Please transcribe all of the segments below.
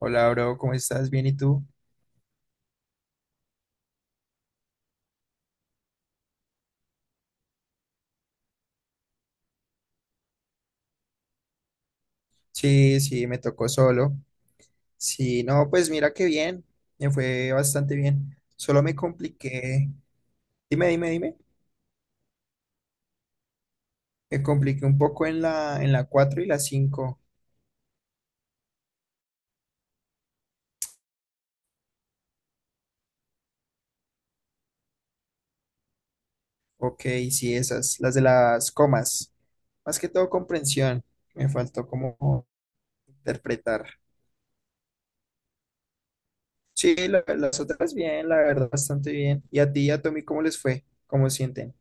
Hola, bro, ¿cómo estás? ¿Bien y tú? Sí, sí, me tocó solo. Sí, no, pues mira qué bien, me fue bastante bien. Solo me compliqué, dime, dime, dime, me compliqué un poco en la 4 y la 5. Ok, sí, esas, las de las comas. Más que todo comprensión, me faltó como interpretar. Sí, las otras bien, la verdad, bastante bien. ¿Y a ti y a Tommy cómo les fue? ¿Cómo sienten?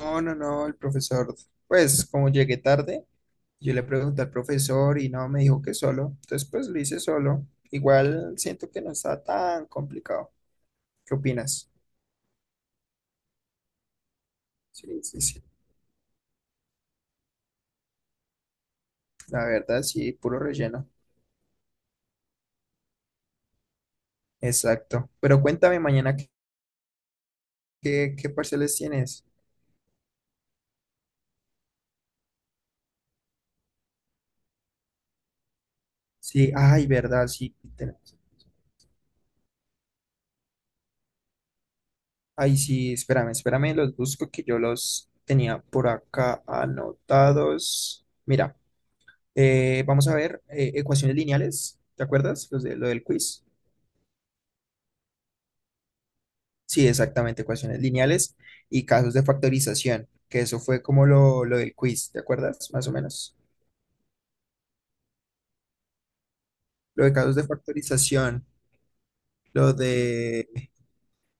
No, no, no, el profesor, pues como llegué tarde. Yo le pregunté al profesor y no, me dijo que solo. Entonces, pues lo hice solo. Igual siento que no está tan complicado. ¿Qué opinas? Sí, sí, sí. La verdad, sí, puro relleno. Exacto. Pero cuéntame mañana qué parciales tienes. Sí, ay, verdad, sí, tenemos. Ay, sí, espérame, espérame, los busco que yo los tenía por acá anotados. Mira, vamos a ver ecuaciones lineales. ¿Te acuerdas? Lo del quiz. Sí, exactamente, ecuaciones lineales y casos de factorización, que eso fue como lo del quiz, ¿te acuerdas? Más o menos. Lo de casos de factorización. lo de...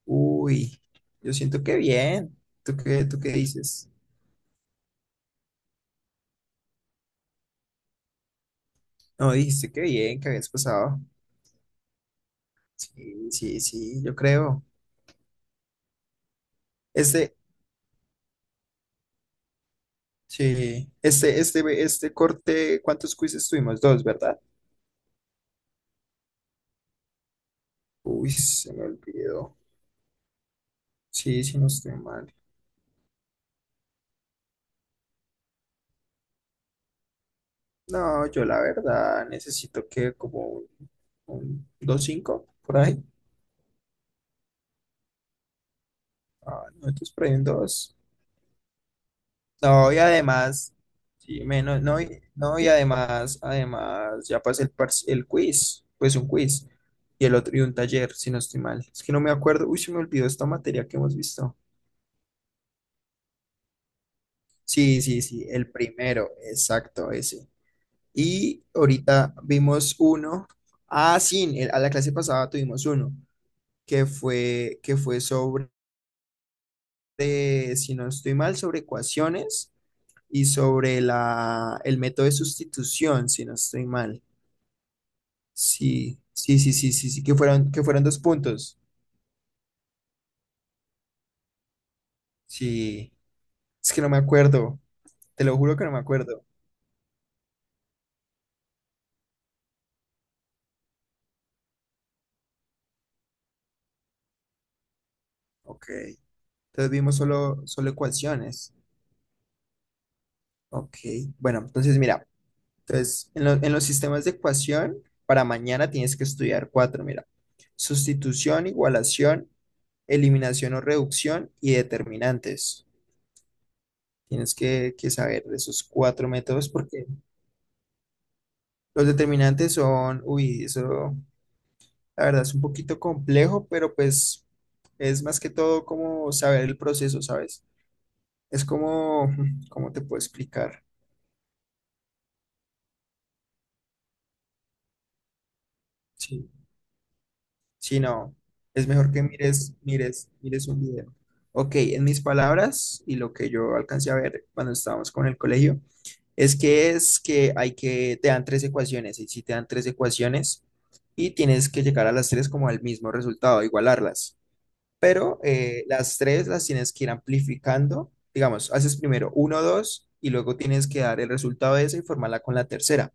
Uy, yo siento que bien. ¿Tú qué dices? No, dijiste que bien, que habías pasado. Sí, sí, sí, yo creo. Este, sí, este corte, ¿cuántos quizzes tuvimos? Dos, ¿verdad? Uy, se me olvidó. Sí, sí, no estoy mal. No, yo la verdad necesito que como un 2.5 por ahí. Ah, no, esto es por ahí un 2. No, y además, sí, menos, no, y, no, y además, ya pasé el quiz, pues un quiz, y el otro, y un taller, si no estoy mal. Es que no me acuerdo, uy, se me olvidó esta materia que hemos visto. Sí, sí, sí, el primero, exacto, ese. Y ahorita vimos uno. Ah, sí, a la clase pasada tuvimos uno que fue si no estoy mal, sobre ecuaciones y sobre el método de sustitución, si no estoy mal. Sí, sí, sí, sí, sí, sí, que fueron 2 puntos. Sí, es que no me acuerdo, te lo juro que no me acuerdo. Ok, entonces vimos solo ecuaciones. Ok, bueno, entonces mira, entonces en los sistemas de ecuación, para mañana tienes que estudiar cuatro, mira, sustitución, igualación, eliminación o reducción y determinantes. Tienes que saber de esos cuatro métodos porque los determinantes son, uy, eso la verdad es un poquito complejo, pero pues es más que todo como saber el proceso, ¿sabes? Es como, ¿cómo te puedo explicar? Sí. Si no, es mejor que mires un video. Ok, en mis palabras y lo que yo alcancé a ver cuando estábamos con el colegio, es que te dan tres ecuaciones, y si te dan tres ecuaciones y tienes que llegar a las tres como al mismo resultado, igualarlas. Pero las tres las tienes que ir amplificando, digamos, haces primero uno, dos, y luego tienes que dar el resultado de esa y formarla con la tercera.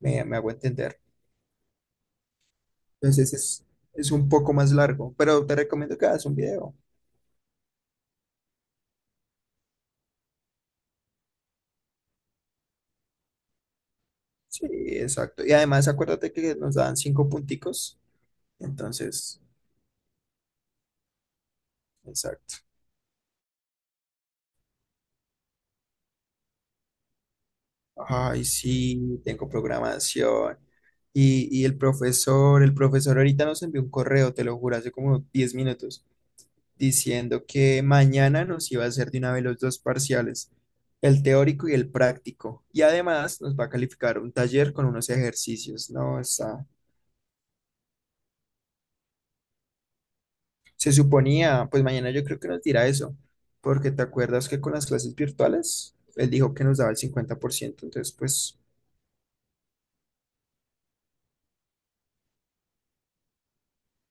Me hago entender. Entonces es un poco más largo, pero te recomiendo que hagas un video. Sí, exacto. Y además acuérdate que nos dan 5 punticos. Entonces, exacto. Ay, sí, tengo programación. Y el profesor ahorita nos envió un correo, te lo juro, hace como 10 minutos, diciendo que mañana nos iba a hacer de una vez los dos parciales, el teórico y el práctico. Y además nos va a calificar un taller con unos ejercicios, ¿no? Está Se suponía, pues mañana yo creo que nos dirá eso, porque te acuerdas que con las clases virtuales, él dijo que nos daba el 50%, entonces pues,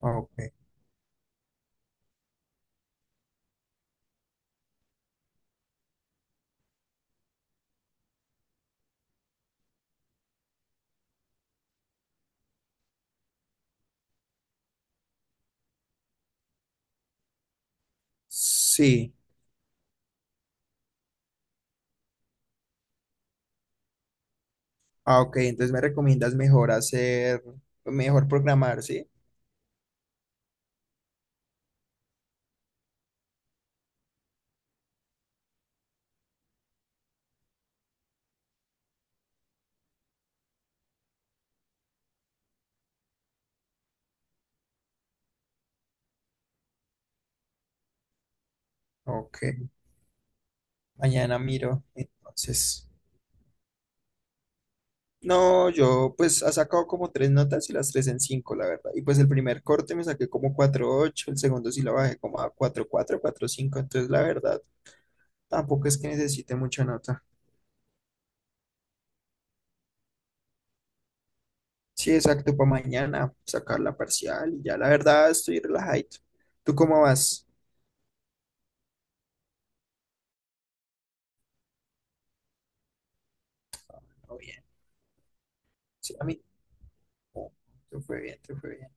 ah, ok. Sí, ah, ok, entonces me recomiendas mejor hacer, mejor programar, ¿sí? Ok, mañana miro, entonces. No, yo pues ha sacado como tres notas y las tres en cinco, la verdad. Y pues el primer corte me saqué como 4.8, el segundo sí lo bajé como a 4.4, cinco, entonces la verdad tampoco es que necesite mucha nota. Sí, exacto, para mañana sacar la parcial y ya la verdad estoy relajado. ¿Tú cómo vas? No, bien. Sí, a mí, no, te fue bien, te fue bien.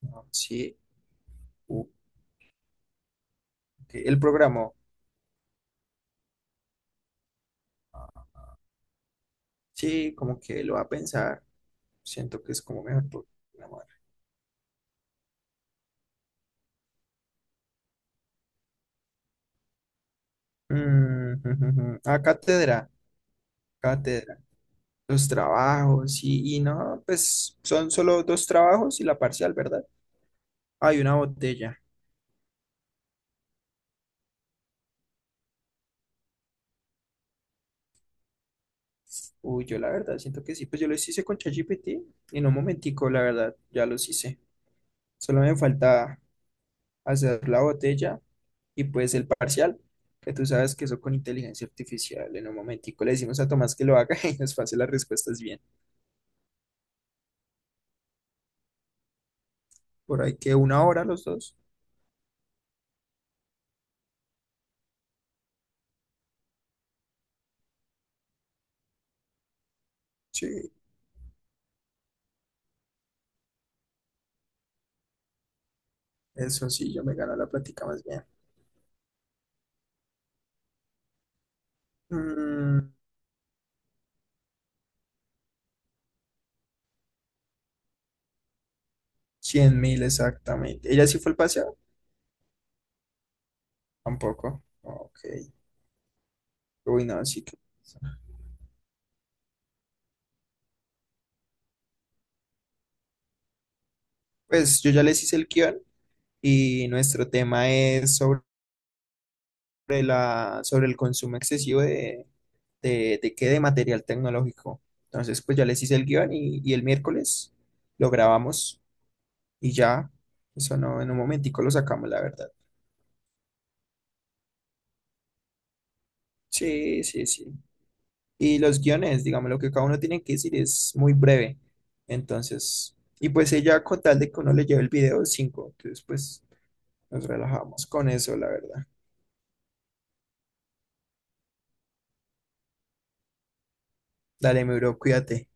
No, sí, uh, ok. El programa, sí, como que lo va a pensar. Siento que es como mejor programar. Mm, ujujujú. Ah, cátedra, cátedra. Los trabajos y no, pues son solo dos trabajos y la parcial, ¿verdad? Hay una botella. Uy, yo la verdad siento que sí, pues yo los hice con ChatGPT en un momentico, la verdad, ya los hice. Solo me falta hacer la botella y pues el parcial, que tú sabes que eso con inteligencia artificial, en un momentico le decimos a Tomás que lo haga y nos pase las respuestas bien. Por ahí que una hora los dos. Sí, eso sí, yo me gano la plática más bien. Mm, 100 mil exactamente. ¿Ella sí fue el paseo? Tampoco. Ok. Uy, no, sí que... Pues yo ya les hice el guión y nuestro tema es sobre sobre el consumo excesivo de material tecnológico. Entonces, pues ya les hice el guión y el miércoles lo grabamos y ya, eso no, en un momentico lo sacamos, la verdad. Sí, sí, sí. Y los guiones, digamos, lo que cada uno tiene que decir es muy breve. Entonces, y pues ella con tal de que uno le lleve el video cinco, entonces pues nos relajamos con eso, la verdad. Dale, mi bro, cuídate.